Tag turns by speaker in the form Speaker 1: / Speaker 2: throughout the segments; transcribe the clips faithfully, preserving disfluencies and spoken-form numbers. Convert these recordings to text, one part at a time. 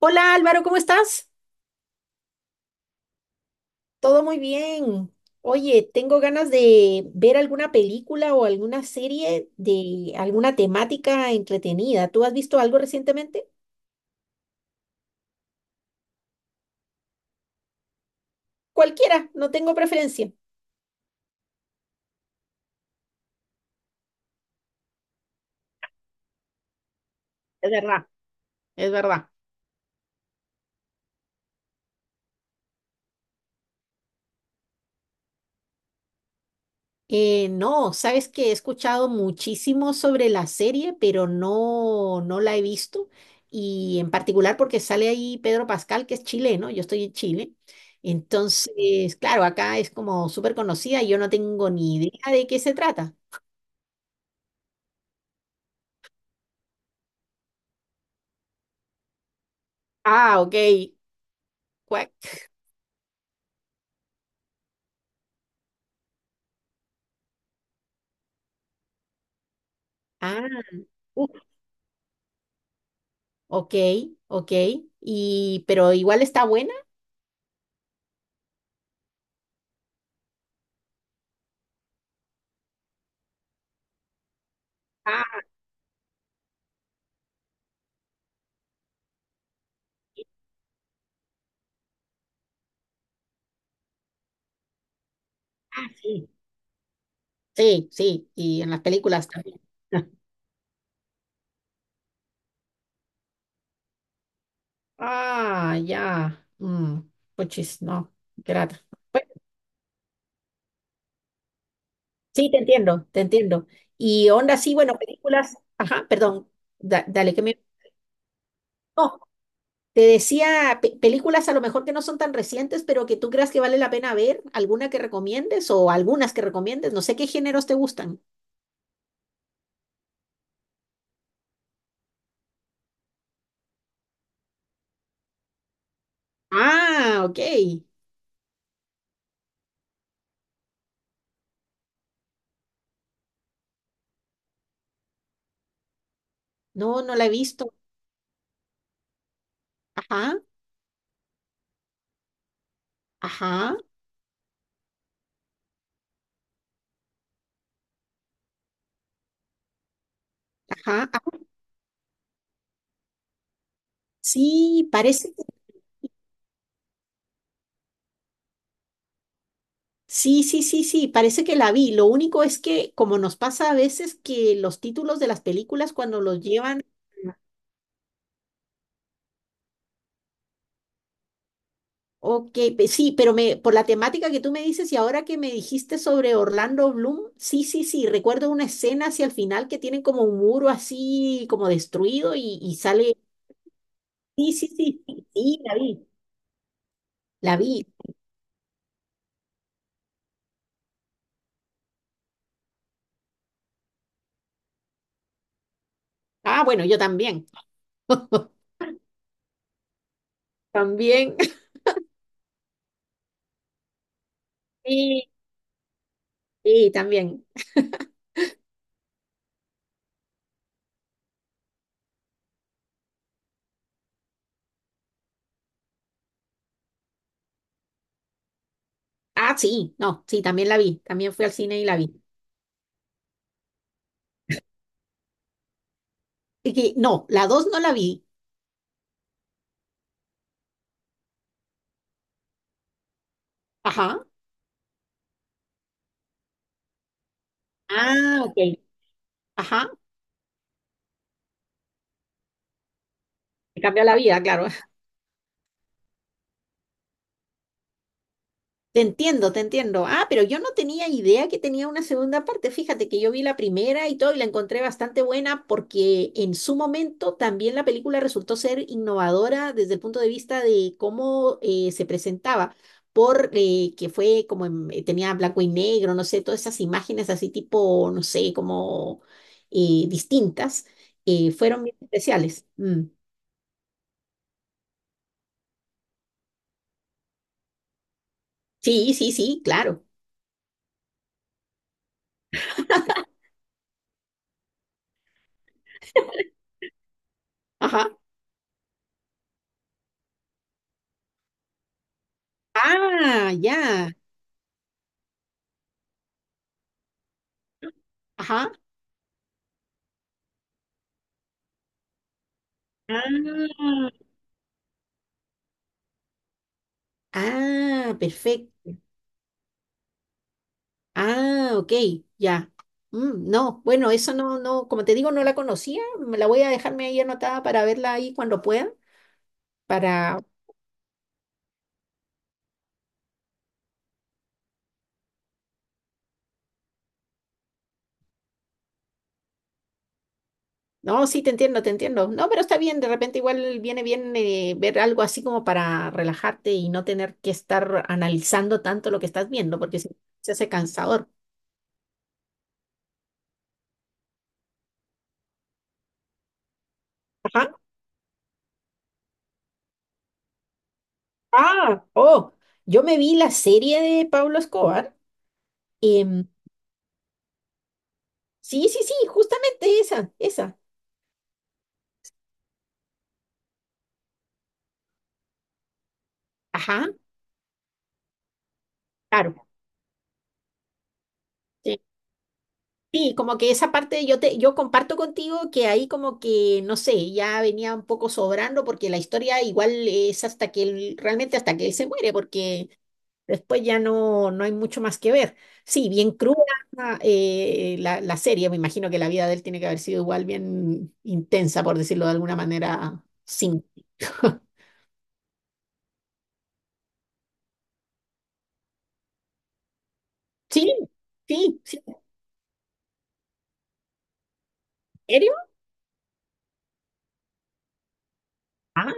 Speaker 1: Hola Álvaro, ¿cómo estás? Todo muy bien. Oye, tengo ganas de ver alguna película o alguna serie de alguna temática entretenida. ¿Tú has visto algo recientemente? Cualquiera, no tengo preferencia. Es verdad, es verdad. Eh, no, sabes que he escuchado muchísimo sobre la serie, pero no, no la he visto. Y en particular porque sale ahí Pedro Pascal, que es chileno, yo estoy en Chile. Entonces, claro, acá es como súper conocida y yo no tengo ni idea de qué se trata. Ah, ok. Cuac. Ah, uf, ok, ok. Y, pero igual está buena. Ah, ah, sí. Sí, sí. Y en las películas también. Ah, ya. Mm, puchis, no. Qué lata. Bueno, sí, te entiendo, te entiendo. Y onda, sí, bueno, películas. Ajá, perdón. Da- dale, que me. No, te decía pe- películas a lo mejor que no son tan recientes, pero que tú creas que vale la pena ver. ¿Alguna que recomiendes o algunas que recomiendes? No sé qué géneros te gustan. Ah, ok. No, no la he visto. Ajá, ajá, ajá, ah. Sí, parece. Sí, sí, sí, sí, parece que la vi. Lo único es que, como nos pasa a veces, que los títulos de las películas cuando los llevan... Ok, pe- sí, pero me, por la temática que tú me dices y ahora que me dijiste sobre Orlando Bloom, sí, sí, sí, recuerdo una escena hacia el final que tienen como un muro así como destruido y, y sale... Sí, sí, sí, sí, sí, la vi, la vi. Ah, bueno, yo también, también. Sí, sí, también. Ah, sí, no, sí, también la vi, también fui al cine y la vi. Y que- no, la dos no la vi. Ajá, ah, ok, ajá. Te cambió la vida, claro. Te entiendo, te entiendo. Ah, pero yo no tenía idea que tenía una segunda parte. Fíjate que yo vi la primera y todo y la encontré bastante buena porque en su momento también la película resultó ser innovadora desde el punto de vista de cómo eh, se presentaba, por eh, que fue como en- eh, tenía blanco y negro, no sé, todas esas imágenes así tipo, no sé, como eh, distintas, eh, fueron bien especiales. Mm. Sí, sí, sí, claro. Ajá. Ah, ya. Ajá. Ah, ah, perfecto. Ah, ok, ya. Mm, no, bueno, eso no, no, como te digo, no la conocía. Me la voy a dejarme ahí anotada para verla ahí cuando pueda. Para. No, sí, te entiendo, te entiendo. No, pero está bien, de repente igual viene bien eh, ver algo así como para relajarte y no tener que estar analizando tanto lo que estás viendo, porque si no, se hace cansador. Ah, oh, yo me vi la serie de Pablo Escobar. em, sí, sí, sí, justamente esa, esa. Ajá, claro. Sí, sí, como que esa parte yo te, yo comparto contigo que ahí como que, no sé, ya venía un poco sobrando porque la historia igual es hasta que él, realmente hasta que él se muere, porque después ya no, no hay mucho más que ver. Sí, bien cruda eh, la, la serie, me imagino que la vida de él tiene que haber sido igual bien intensa, por decirlo de alguna manera, sin. Sí, sí, sí. ¿En serio? Ah,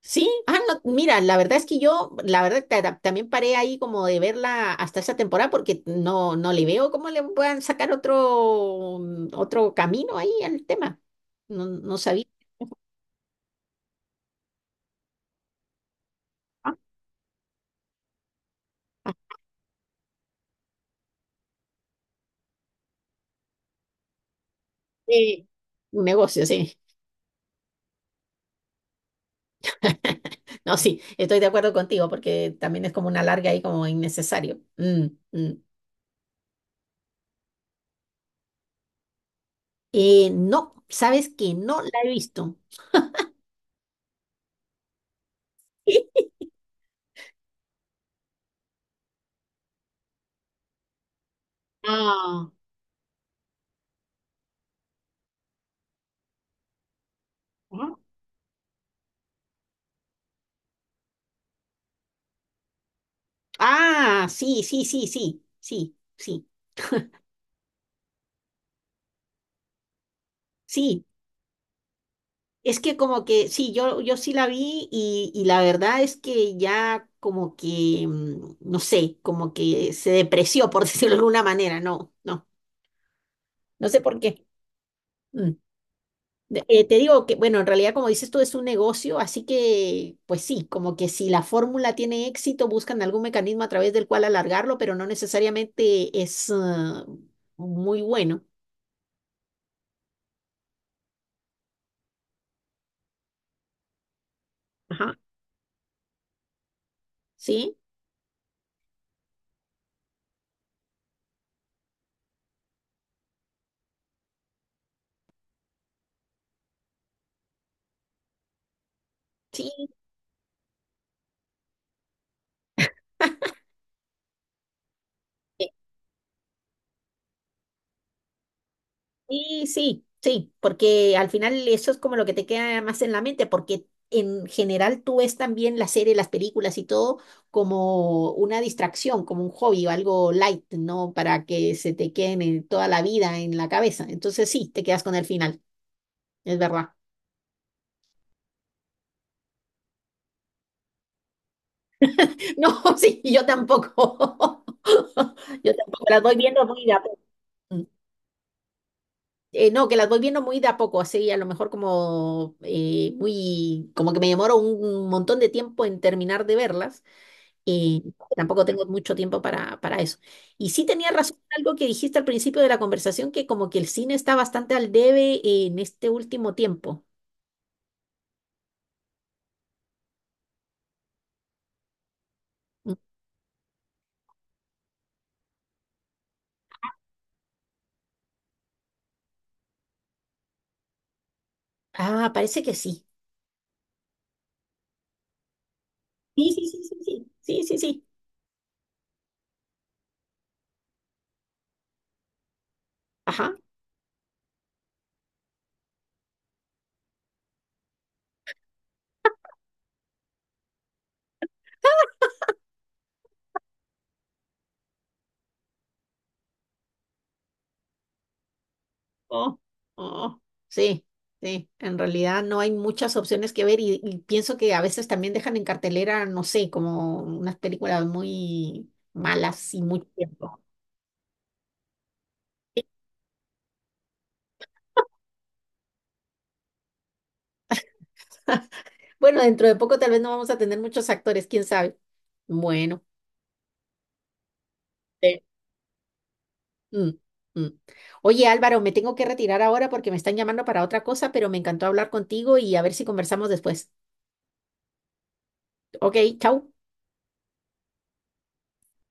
Speaker 1: sí. Ah, no, mira, la verdad es que yo, la verdad, ta- ta- también paré ahí como de verla hasta esa temporada porque no, no le veo cómo le puedan sacar otro, mm, otro camino ahí al tema. No, no sabía. Ah, ah, eh, un negocio, sí. No, sí, estoy de acuerdo contigo porque también es como una larga ahí como innecesario. Mm, mm. Eh, no, sabes que no la he visto. Ah, ah, sí, sí, sí, sí, sí, sí, sí. Es que como que sí, yo, yo sí la vi y, y la verdad es que ya como que, mm, no sé, como que se depreció, por decirlo de alguna manera, no, no, no sé por qué. Mm. De- eh, te digo que, bueno, en realidad como dices tú es un negocio, así que pues sí, como que si la fórmula tiene éxito, buscan algún mecanismo a través del cual alargarlo, pero no necesariamente es eh, muy bueno. Ajá. Sí, sí. Sí, sí, sí, porque al final eso es como lo que te queda más en la mente, porque en general tú ves también la serie, las películas y todo como una distracción, como un hobby o algo light, ¿no? Para que se te queden en toda la vida en la cabeza. Entonces sí, te quedas con el final, es verdad. No, sí, yo tampoco. Yo tampoco las voy viendo muy rápido. Eh, no, que las voy viendo muy de a poco, así a lo mejor como eh, muy, como que me demoro un montón de tiempo en terminar de verlas, y tampoco tengo mucho tiempo para, para eso. Y sí tenía razón en algo que dijiste al principio de la conversación, que como que el cine está bastante al debe en este último tiempo. Mm. Ah, parece que sí. Sí, sí, sí, sí, sí, sí, sí, sí. Ajá. Oh, oh, sí, sí. En realidad no hay muchas opciones que ver y, y pienso que a veces también dejan en cartelera, no sé, como unas películas muy malas y muy tiempo. Bueno, dentro de poco tal vez no vamos a tener muchos actores, quién sabe. Bueno. Sí. Mm, mm. Oye, Álvaro, me tengo que retirar ahora porque me están llamando para otra cosa, pero me encantó hablar contigo y a ver si conversamos después. Ok, chau.